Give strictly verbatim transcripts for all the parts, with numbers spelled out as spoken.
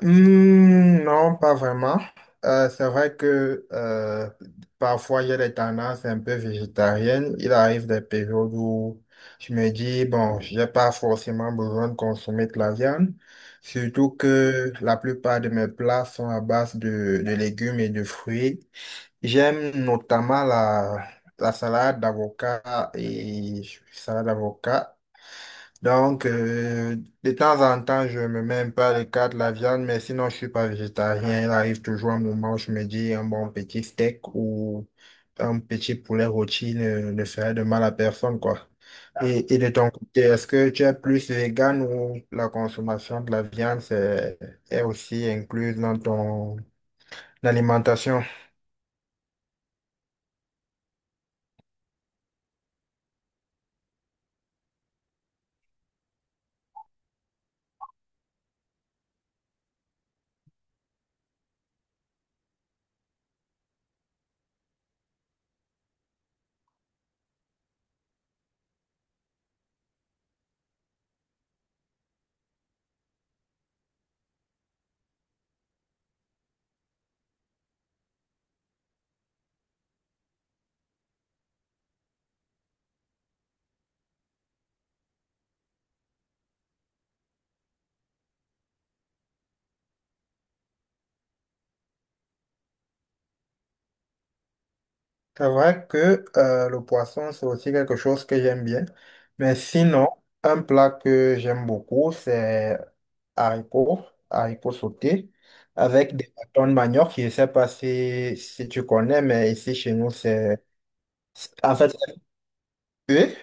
Hmm, non, pas vraiment. Euh, c'est vrai que euh, parfois il y a des tendances un peu végétariennes. Il arrive des périodes où je me dis, bon, j'ai pas forcément besoin de consommer de la viande. Surtout que la plupart de mes plats sont à base de, de légumes et de fruits. J'aime notamment la, la salade d'avocat et salade d'avocat donc, euh, de temps en temps, je me mets un peu à l'écart de la viande, mais sinon, je suis pas végétarien. Il arrive toujours un moment où je me dis un bon petit steak ou un petit poulet rôti ne, ne ferait de mal à personne, quoi. Et, et de ton côté, est-ce que tu es plus vegan ou la consommation de la viande c'est- est aussi incluse dans ton alimentation? C'est vrai que euh, le poisson, c'est aussi quelque chose que j'aime bien. Mais sinon, un plat que j'aime beaucoup, c'est haricots, haricots sautés, avec des bâtons de manioc. Je ne sais pas si, si tu connais, mais ici chez nous, c'est... c'est- En fait, c'est cuit.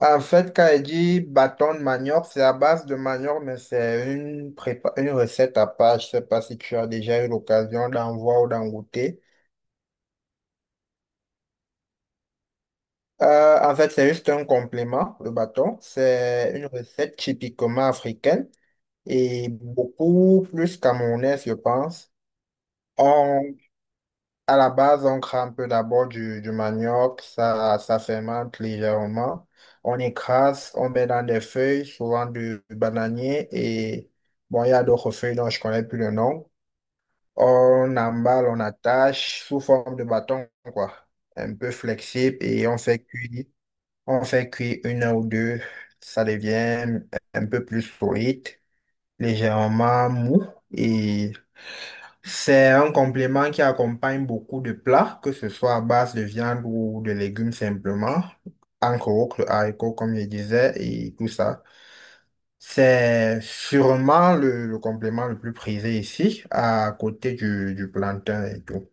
En fait, quand elle dit bâton de manioc, c'est à base de manioc, mais c'est une prépa- une recette à part. Je ne sais pas si tu as déjà eu l'occasion d'en voir ou d'en goûter. Euh, en fait, c'est juste un complément, le bâton. C'est une recette typiquement africaine et beaucoup plus camerounaise, je pense. On, à la base, on crame peu d'abord du, du manioc, ça, ça fermente légèrement. On écrase, on met dans des feuilles, souvent du, du bananier et bon, il y a d'autres feuilles dont je connais plus le nom. On emballe, on attache sous forme de bâton, quoi. Un peu flexible et on fait cuire. On fait cuire une heure ou deux, ça devient un peu plus solide, légèrement mou. Et c'est un complément qui accompagne beaucoup de plats, que ce soit à base de viande ou de légumes simplement, encore autres haricot comme je disais, et tout ça. C'est sûrement le, le complément le plus prisé ici, à côté du, du plantain et tout.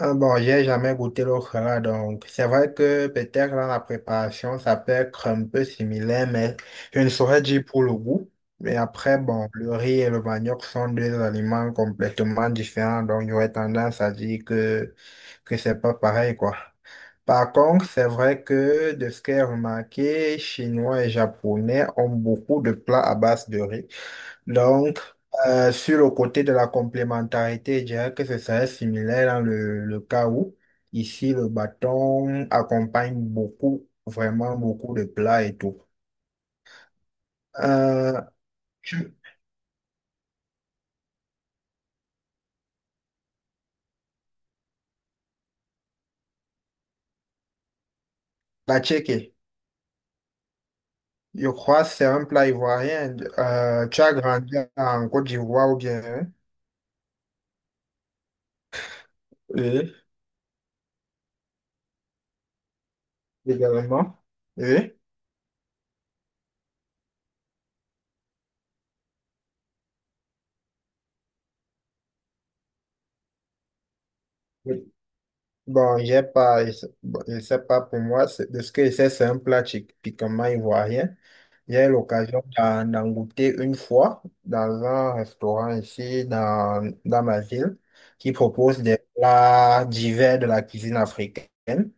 Ah bon, j'ai jamais goûté le là, donc c'est vrai que peut-être dans la préparation, ça peut être un peu similaire, mais je ne saurais dire pour le goût. Mais après, bon, le riz et le manioc sont deux aliments complètement différents, donc j'aurais tendance à dire que, que c'est pas pareil, quoi. Par contre, c'est vrai que de ce que j'ai remarqué, Chinois et Japonais ont beaucoup de plats à base de riz. Donc, euh, sur le côté de la complémentarité, je dirais que ce serait similaire dans le, le cas où, ici, le bâton accompagne beaucoup, vraiment beaucoup de plats et tout. Euh, tu- la tchéké, je crois que c'est un plat ivoirien. Euh, tu as grandi en Côte d'Ivoire ou bien, hein? Oui, également. Oui. Oui. Bon, j'ai pas, je sais bon, je sais pas pour moi, c'est- de ce que je sais, c'est un plat typiquement ivoirien. J'ai eu l'occasion d'en d'en goûter une fois dans un restaurant ici dans, dans ma ville qui propose des plats divers de la cuisine africaine.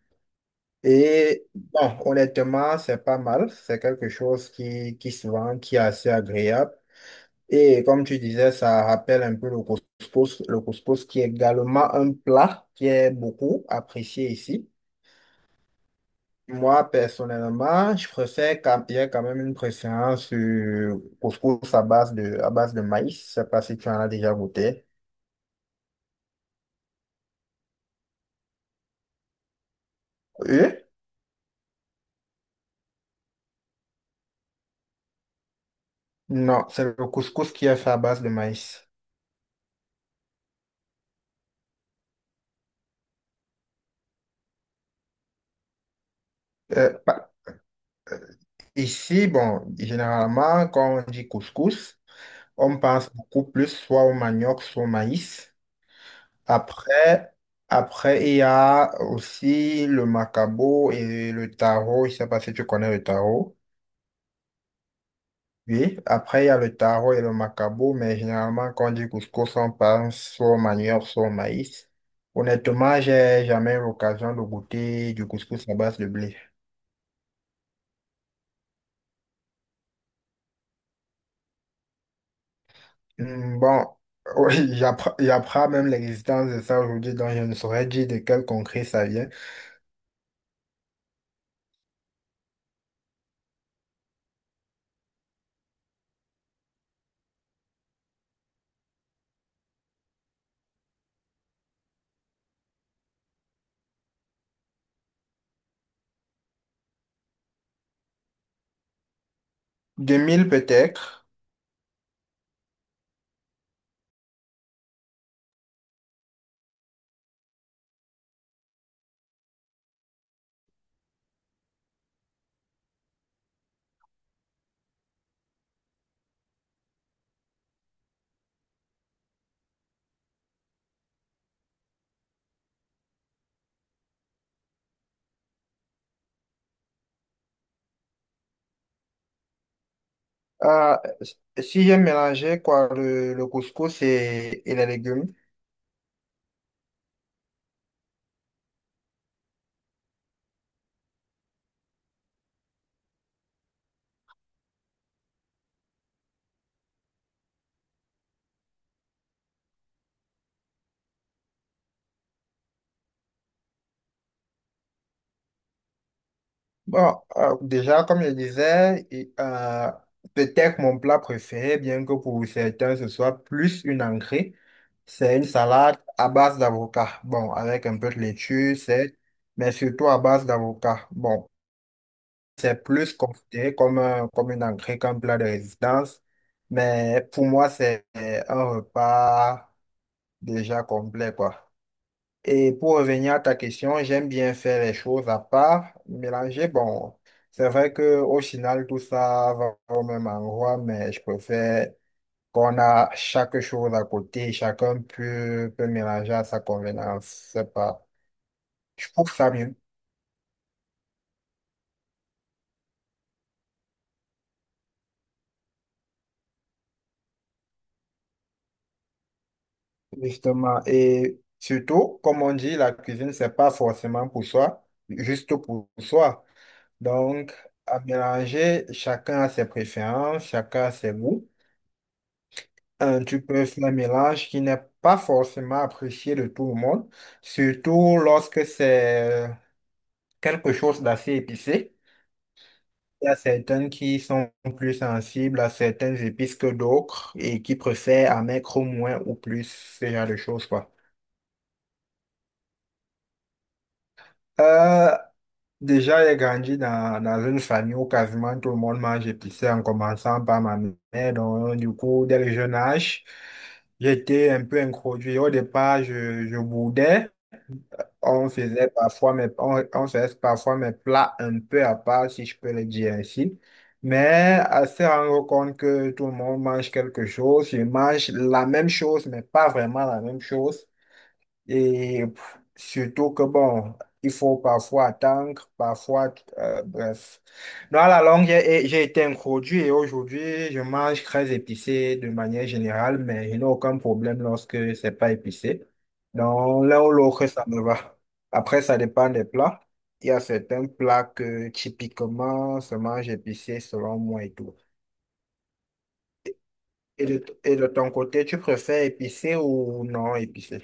Et bon, honnêtement, c'est pas mal. C'est quelque chose qui, qui se vend, qui est assez agréable. Et comme tu disais, ça rappelle un peu le couscous, le couscous qui est également un plat qui est beaucoup apprécié ici. Moi, personnellement, je préfère quand, il y a quand même une préférence euh, couscous à base de, à base de maïs. Je sais pas si tu en as déjà goûté. Euh, non, c'est le couscous qui est fait à base de maïs. Euh, pa- Ici, bon, généralement, quand on dit couscous, on pense beaucoup plus soit au manioc, soit au maïs. Après, après, il y a aussi le macabo et le taro. Je sais pas si tu connais le taro. Oui, après il y a le taro et le macabo, mais généralement quand on dit couscous, on pense soit au manioc, soit au maïs. Honnêtement, j'ai jamais eu l'occasion de goûter du couscous à base de blé. Hmm, Bon, oui, j'appre- j'apprends même l'existence de ça aujourd'hui, donc je ne saurais dire de quel concret ça vient. Deux mille peut-être. Ah, si j'ai mélangé quoi, le, le couscous et, et les légumes. Bon, euh, déjà, comme je disais, et, euh, peut-être mon plat préféré, bien que pour certains ce soit plus une entrée, c'est une salade à base d'avocat. Bon, avec un peu de laitue, c'est, mais surtout à base d'avocat. Bon, c'est plus considéré comme, un- comme une entrée qu'un plat de résistance, mais pour moi, c'est un repas déjà complet, quoi. Et pour revenir à ta question, j'aime bien faire les choses à part, mélanger. Bon, c'est vrai que au final, tout ça va au même endroit, mais je préfère qu'on a chaque chose à côté, chacun peut, peut mélanger à sa convenance. C'est pas, je trouve ça mieux, justement. Et surtout, comme on dit, la cuisine, c'est pas forcément pour soi, juste pour soi. Donc, à mélanger, chacun a ses préférences, chacun a ses goûts. Euh, tu peux faire un mélange qui n'est pas forcément apprécié de tout le monde, surtout lorsque c'est euh, quelque chose d'assez épicé. Il y a certaines qui sont plus sensibles à certaines épices que d'autres et qui préfèrent en mettre au moins ou plus, ce genre de choses, quoi. Euh, Déjà, j'ai grandi dans, dans une famille où quasiment tout le monde mange épicé en commençant par ma mère. Donc, du coup, dès le jeune âge, j'étais un peu introduit. Au départ, je, je boudais. On faisait parfois mes, on, on faisait parfois mes plats un peu à part, si je peux le dire ainsi. Mais à se rendre compte que tout le monde mange quelque chose, je mange la même chose, mais pas vraiment la même chose. Et pff, surtout que bon, il faut parfois attendre, parfois, euh, bref. Dans la longue, j'ai j'ai été introduit et aujourd'hui, je mange très épicé de manière générale, mais je n'ai aucun problème lorsque c'est pas épicé. Donc, l'un ou l'autre, ça me va. Après, ça dépend des plats. Il y a certains plats que typiquement se mangent épicé selon moi et tout. Et de, et de ton côté, tu préfères épicé ou non épicé?